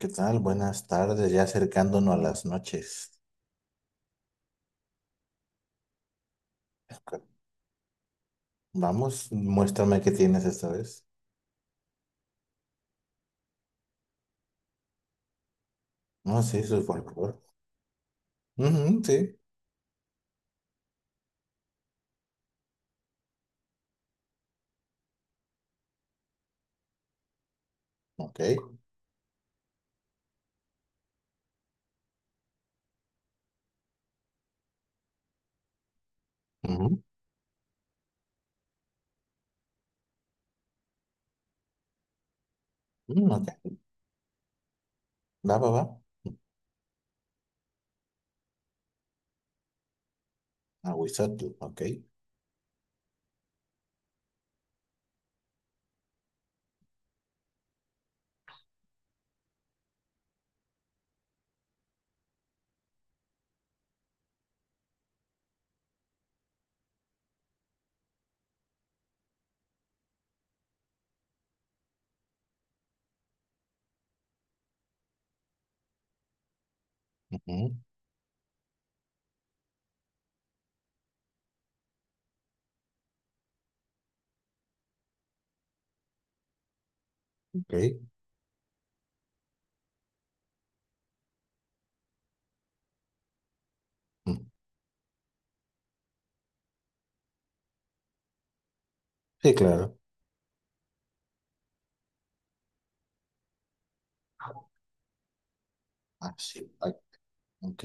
¿Qué tal? Buenas tardes, ya acercándonos a las noches. Vamos, muéstrame qué tienes esta vez. No, sí, eso es folclore. Ujú, sí, ok. Ujú, mm, ok. Va, va, va. Aguizotl, ok. Ujú, ok. Mm, sí, claro. Ah, sí, ay, ok.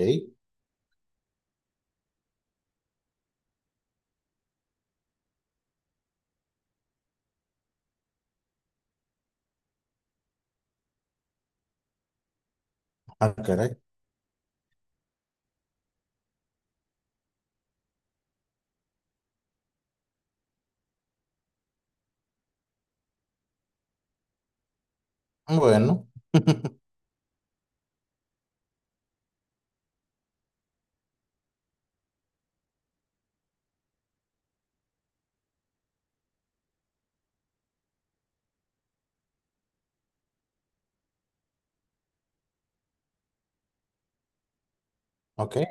Ah, caray. Bueno, ok.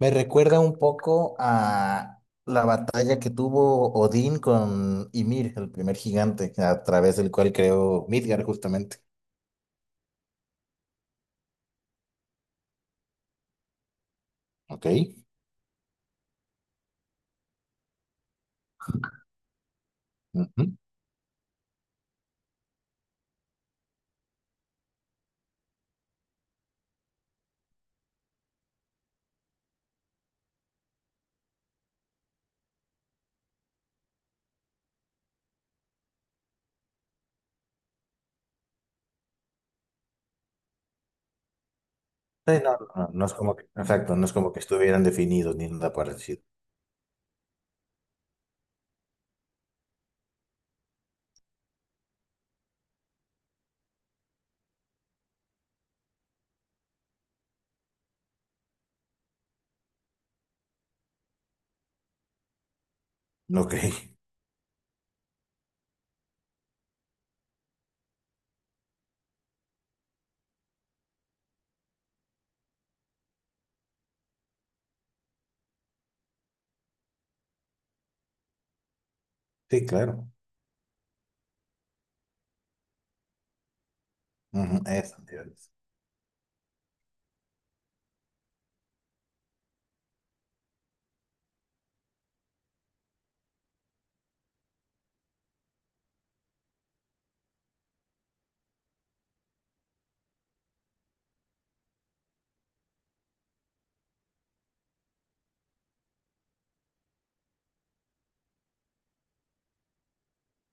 Me recuerda un poco a la batalla que tuvo Odín con Ymir, el primer gigante, a través del cual creó Midgard, justamente. Ok. Ujú. Sí, no, no, no es como que, exacto, no es como que estuvieran definidos ni nada parecido. Ok, sí, claro. Ujú, eso, Dios.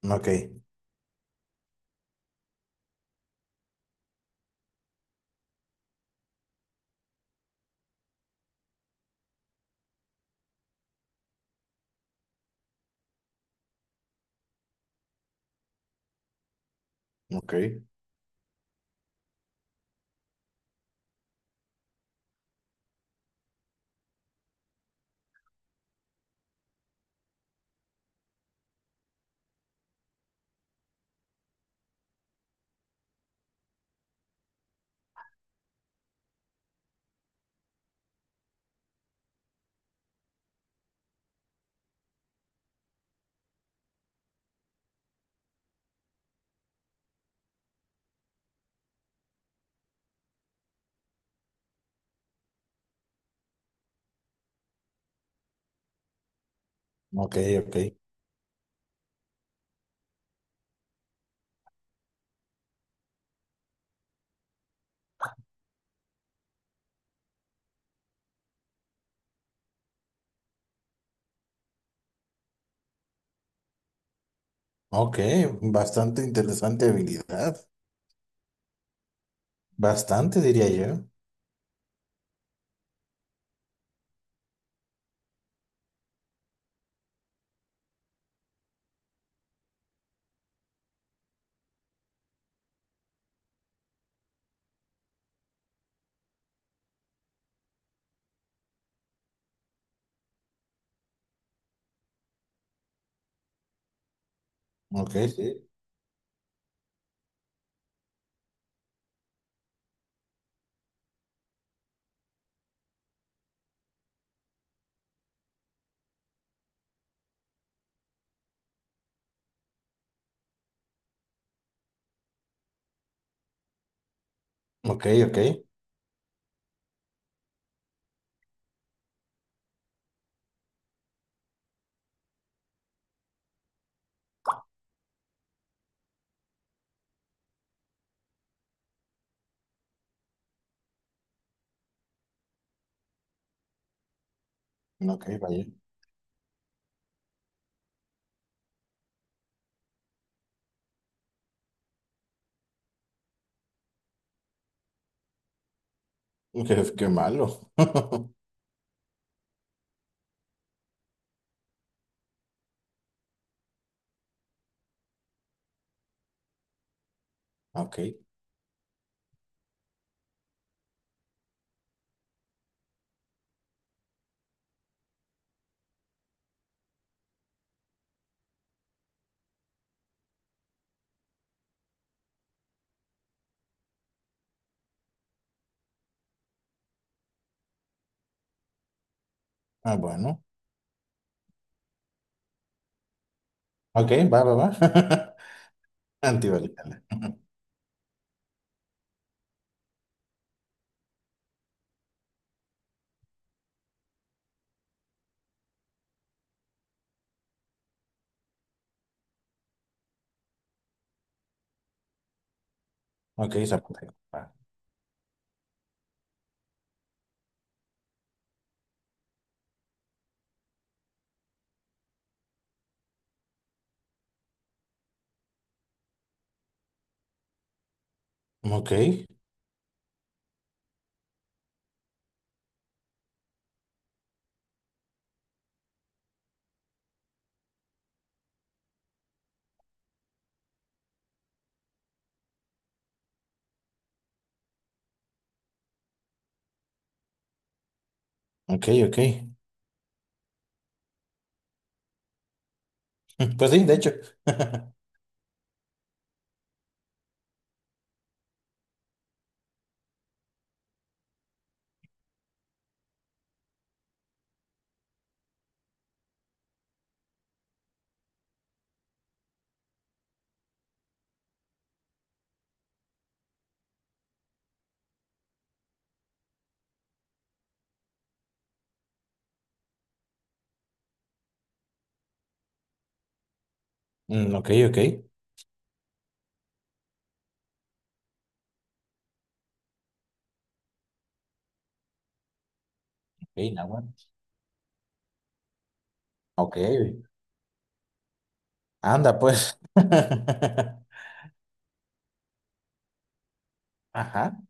Ok, ok, ok, ok. Ok, bastante interesante habilidad. Bastante, diría yo. Ok, sí. Ok, ok. Ok, vaya. Qué, qué malo. Ok, ah, bueno. Ok, va, va, va. Antivalidad. Ok, zapoteco. Va. Ok, ok, ok. Pues sí, de hecho. Mm, ok, ok. Ok, Nahuatl. Ok. Anda, pues. Ajá.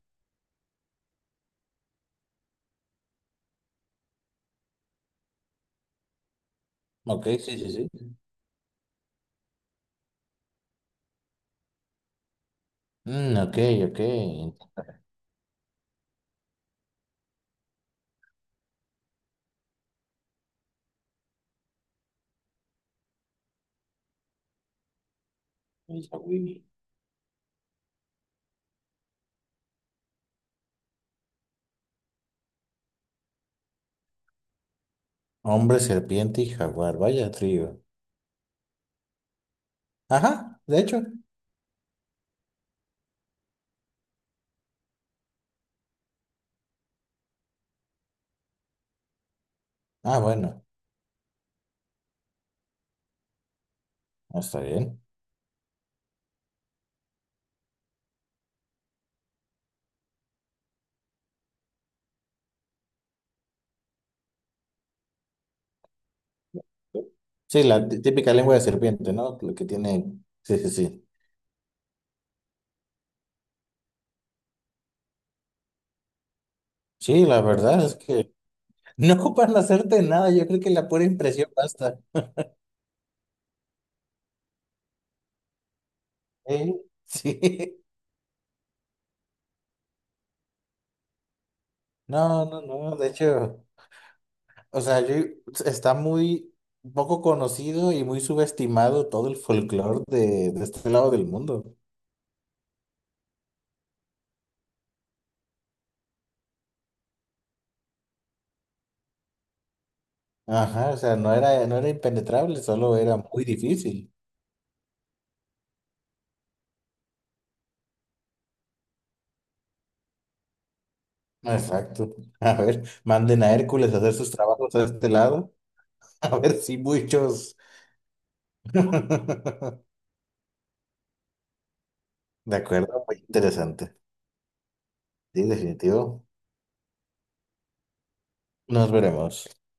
Ok, sí, sí, sí. Mm, ok, ok. Entonces, Yahweh. Hombre, serpiente y jaguar. Vaya trío. Ajá, de hecho. Ah, bueno. Está bien. Sí, la típica lengua de serpiente, ¿no? Lo que tiene. Sí, sí, sí. Sí, la verdad es que no ocupan hacerte nada. Yo creo que la pura impresión basta. ¿Eh? Sí. No, no, no. De hecho. O sea, yo, está muy poco conocido y muy subestimado todo el folclore de este lado del mundo. Ajá, o sea, no era, no era impenetrable, solo era muy difícil. Exacto. A ver, manden a Hércules a hacer sus trabajos a este lado. A ver si muchos. De acuerdo, muy interesante. Sí, definitivo. Nos veremos.